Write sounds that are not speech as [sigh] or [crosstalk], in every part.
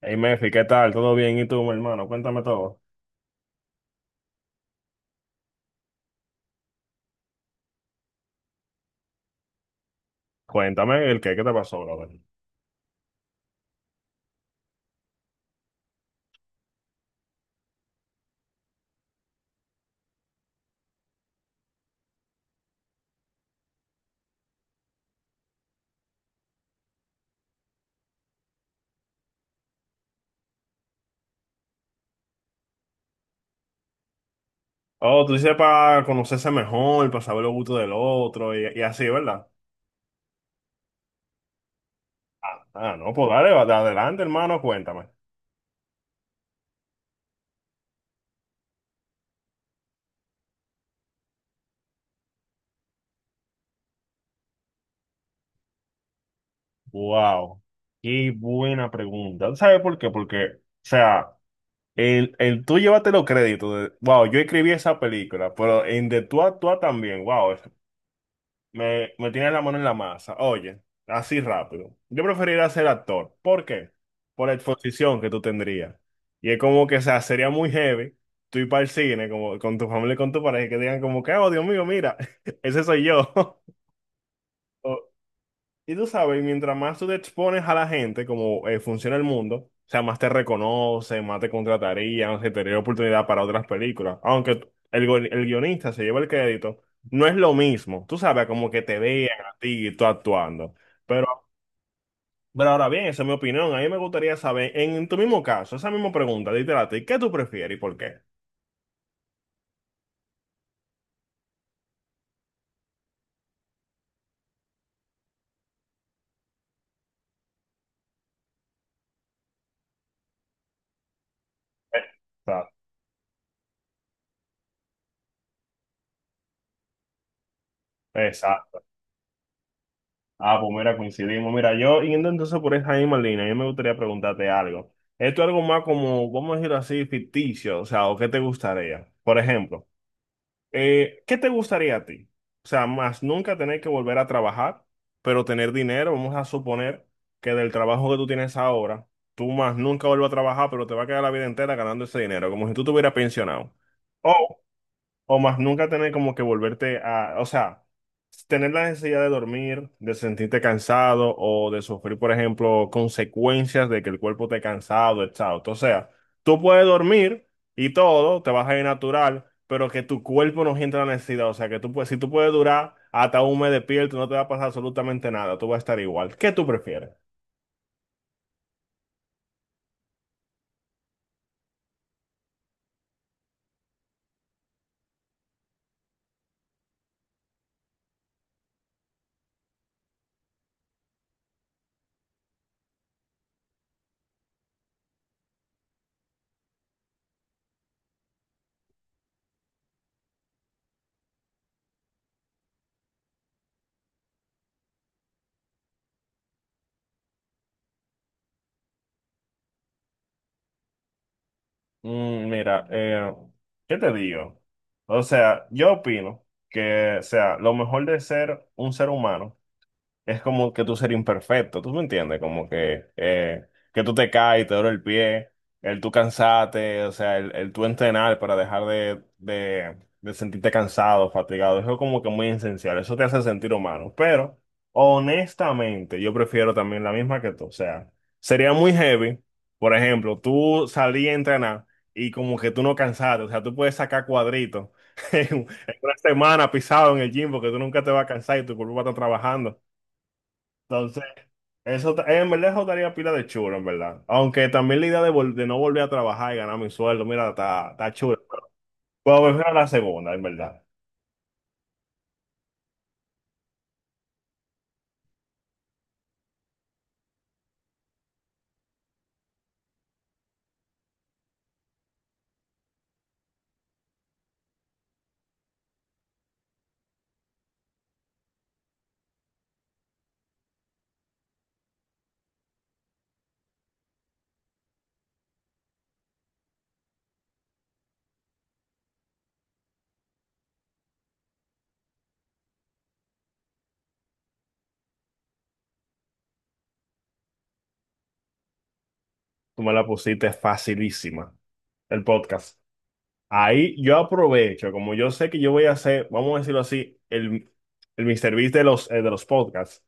Hey, Mefi, ¿qué tal? ¿Todo bien? ¿Y tú, mi hermano? Cuéntame todo. Cuéntame el qué, ¿qué te pasó, brother? Oh, tú dices para conocerse mejor, para saber los gustos del otro y así, ¿verdad? Ah, ah, no, pues dale, adelante, hermano, cuéntame. Wow, qué buena pregunta. ¿Tú ¿Sabes por qué? Porque, o sea, el tú llévate los créditos de, wow, yo escribí esa película, pero en de tú a tú también, wow, Me tiene la mano en la masa. Oye, así rápido. Yo preferiría ser actor. ¿Por qué? Por la exposición que tú tendrías. Y es como que, o sea, sería muy heavy tú ir para el cine como, con tu familia y con tu pareja y que digan como que, oh, Dios mío, mira, [laughs] ese soy yo. [laughs] Y tú sabes, mientras más tú te expones a la gente, como funciona el mundo, o sea, más te reconocen, más te contratarían, se te daría oportunidad para otras películas. Aunque el, el guionista se lleva el crédito, no es lo mismo. Tú sabes, como que te vean a ti y tú actuando. Pero, pero ahora bien, esa es mi opinión. A mí me gustaría saber, en tu mismo caso, esa misma pregunta, literal, a ti, ¿qué tú prefieres y por qué? Eh, Exacto. Exacto. Ah, pues mira, coincidimos. Mira, yo yendo entonces por esa misma línea, yo me gustaría preguntarte algo. Esto es algo más como, vamos a decirlo así, ficticio, o sea, o qué te gustaría. Por ejemplo, ¿qué te gustaría a ti? O sea, más nunca tener que volver a trabajar, pero tener dinero, vamos a suponer que del trabajo que tú tienes ahora, tú más nunca vuelvas a trabajar, pero te va a quedar la vida entera ganando ese dinero, como si tú te hubieras pensionado. O más nunca tener como que volverte a, o sea, tener la necesidad de dormir, de sentirte cansado o de sufrir, por ejemplo, consecuencias de que el cuerpo esté cansado, exhausto. O sea, tú puedes dormir y todo, te vas a ir natural, pero que tu cuerpo no sienta la necesidad. O sea, que tú puedes, si tú puedes durar hasta un mes despierto, no te va a pasar absolutamente nada, tú vas a estar igual. ¿Qué tú prefieres? Mira, ¿qué te digo? O sea, yo opino que, o sea, lo mejor de ser un ser humano es como que tú serías imperfecto, ¿tú me entiendes? Como que tú te caes, te duele el pie, el tú cansarte, o sea, el tú entrenar para dejar de sentirte cansado, fatigado, eso es como que muy esencial, eso te hace sentir humano, pero honestamente yo prefiero también la misma que tú, o sea, sería muy heavy, por ejemplo, tú salí a entrenar y como que tú no cansaste, o sea, tú puedes sacar cuadritos. [laughs] En una semana pisado en el gym porque tú nunca te vas a cansar y tu cuerpo va a estar trabajando. Entonces, en verdad eso daría pila de chulo, en verdad. Aunque también la idea de, de no volver a trabajar y ganar mi sueldo, mira, está chulo. Pero prefiero la segunda, en verdad. Tú me la pusiste facilísima, el podcast. Ahí yo aprovecho, como yo sé que yo voy a hacer, vamos a decirlo así, el Mr. Beast de los podcasts.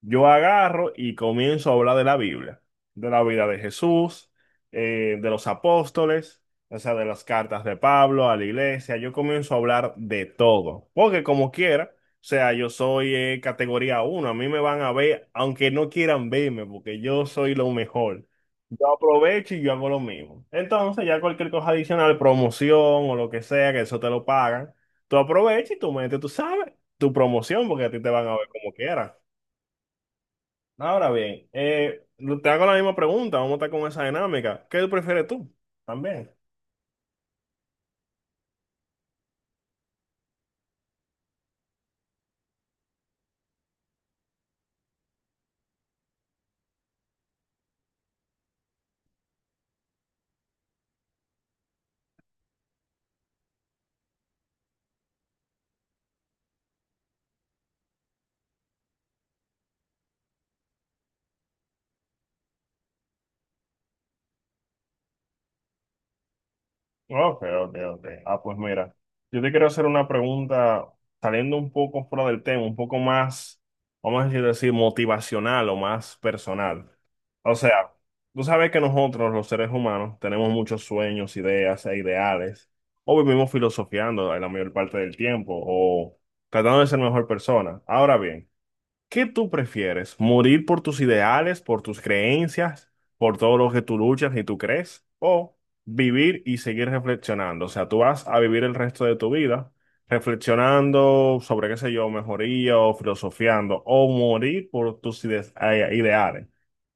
Yo agarro y comienzo a hablar de la Biblia, de la vida de Jesús, de los apóstoles, o sea, de las cartas de Pablo a la iglesia. Yo comienzo a hablar de todo, porque como quiera, o sea, yo soy categoría uno. A mí me van a ver, aunque no quieran verme, porque yo soy lo mejor. Yo aprovecho y yo hago lo mismo. Entonces, ya cualquier cosa adicional, promoción o lo que sea, que eso te lo pagan, tú aprovechas y tú metes, tú sabes, tu promoción, porque a ti te van a ver como quieran. Ahora bien, te hago la misma pregunta, vamos a estar con esa dinámica. ¿Qué prefieres tú? También. Ok, ok, ok. Ah, pues mira, yo te quiero hacer una pregunta saliendo un poco fuera del tema, un poco más, vamos a decir, motivacional o más personal. O sea, tú sabes que nosotros, los seres humanos, tenemos muchos sueños, ideas e ideales, o vivimos filosofiando la mayor parte del tiempo, o tratando de ser mejor persona. Ahora bien, ¿qué tú prefieres? ¿Morir por tus ideales, por tus creencias, por todo lo que tú luchas y tú crees? ¿O vivir y seguir reflexionando? O sea, tú vas a vivir el resto de tu vida reflexionando sobre, qué sé yo, mejoría o filosofiando, o morir por tus ideales. O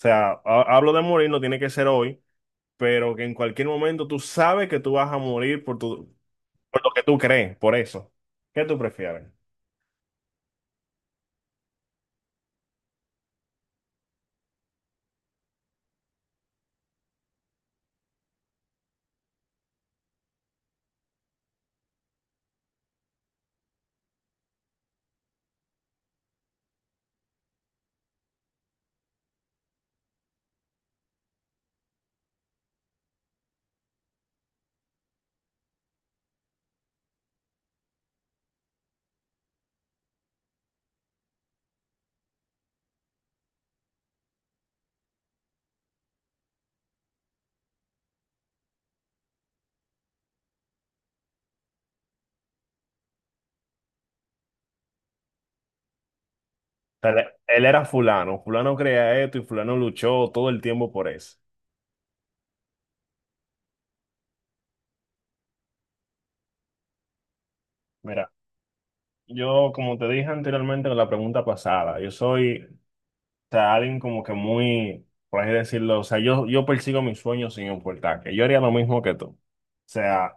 sea, hablo de morir, no tiene que ser hoy, pero que en cualquier momento tú sabes que tú vas a morir por lo que tú crees, por eso. ¿Qué tú prefieres? Él era fulano, fulano creía esto y fulano luchó todo el tiempo por eso. Mira, yo como te dije anteriormente en la pregunta pasada, yo soy, o sea, alguien como que muy, por así decirlo, o sea, yo persigo mis sueños sin importar, que yo haría lo mismo que tú. O sea,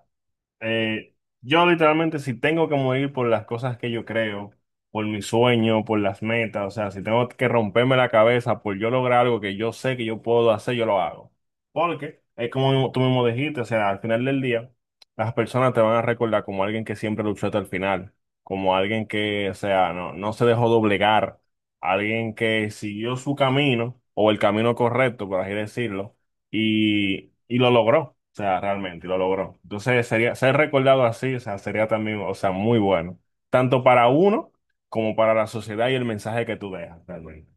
Eh, yo literalmente si tengo que morir por las cosas que yo creo, por mi sueño, por las metas, o sea, si tengo que romperme la cabeza por yo lograr algo que yo sé que yo puedo hacer, yo lo hago. Porque es tú mismo dijiste, o sea, al final del día, las personas te van a recordar como alguien que siempre luchó hasta el final, como alguien que, o sea, no se dejó doblegar, alguien que siguió su camino o el camino correcto, por así decirlo y lo logró, o sea, realmente lo logró. Entonces, sería, ser recordado así, o sea, sería también, o sea, muy bueno, tanto para uno como para la sociedad y el mensaje que tú dejas, realmente.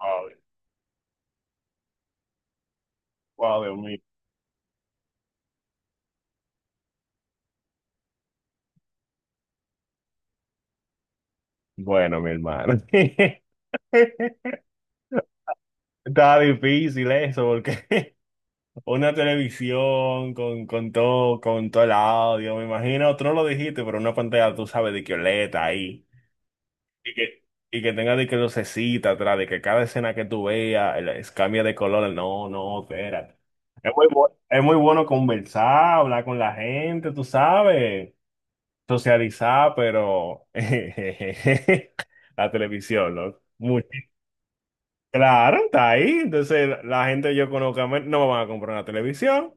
Wow, wow, Dios mío. Bueno, mi hermano. [laughs] Estaba difícil eso, porque [laughs] una televisión con todo el audio, me imagino, tú no lo dijiste, pero una pantalla, tú sabes, de que OLED ahí. Y que, y que tenga de que lucecita atrás, de que cada escena que tú veas cambia de color. No, no, espérate. Es es muy bueno conversar, hablar con la gente, tú sabes, socializar, pero [laughs] la televisión, ¿no? Muy, claro, está ahí. Entonces, la gente yo conozco, no me van a comprar una televisión.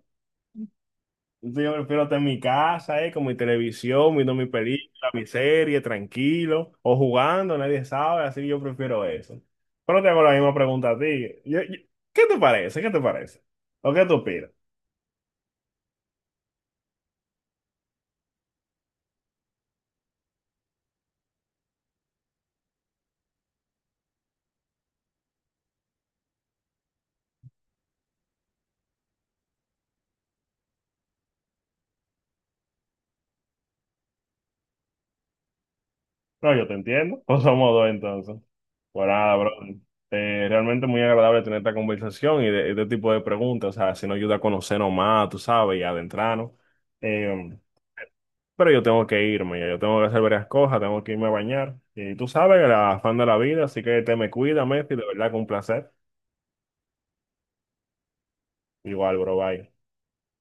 Entonces yo prefiero estar en mi casa, con mi televisión, viendo mi película, mi serie, tranquilo, o jugando, nadie sabe, así yo prefiero eso. Pero te hago la misma pregunta a ti. ¿Qué te parece? ¿Qué te parece? ¿O qué tú opinas? No, yo te entiendo. [laughs] Pues somos dos entonces. Pues nada, bro. Realmente muy agradable tener esta conversación y de este tipo de preguntas. O sea, si nos ayuda a conocernos más, tú sabes, y adentrarnos. Eh, Pero yo tengo que irme, ya yo tengo que hacer varias cosas, tengo que irme a bañar. Y tú sabes, el afán de la vida, así que te me cuida, Messi, de verdad que un placer. Igual, bro, bye.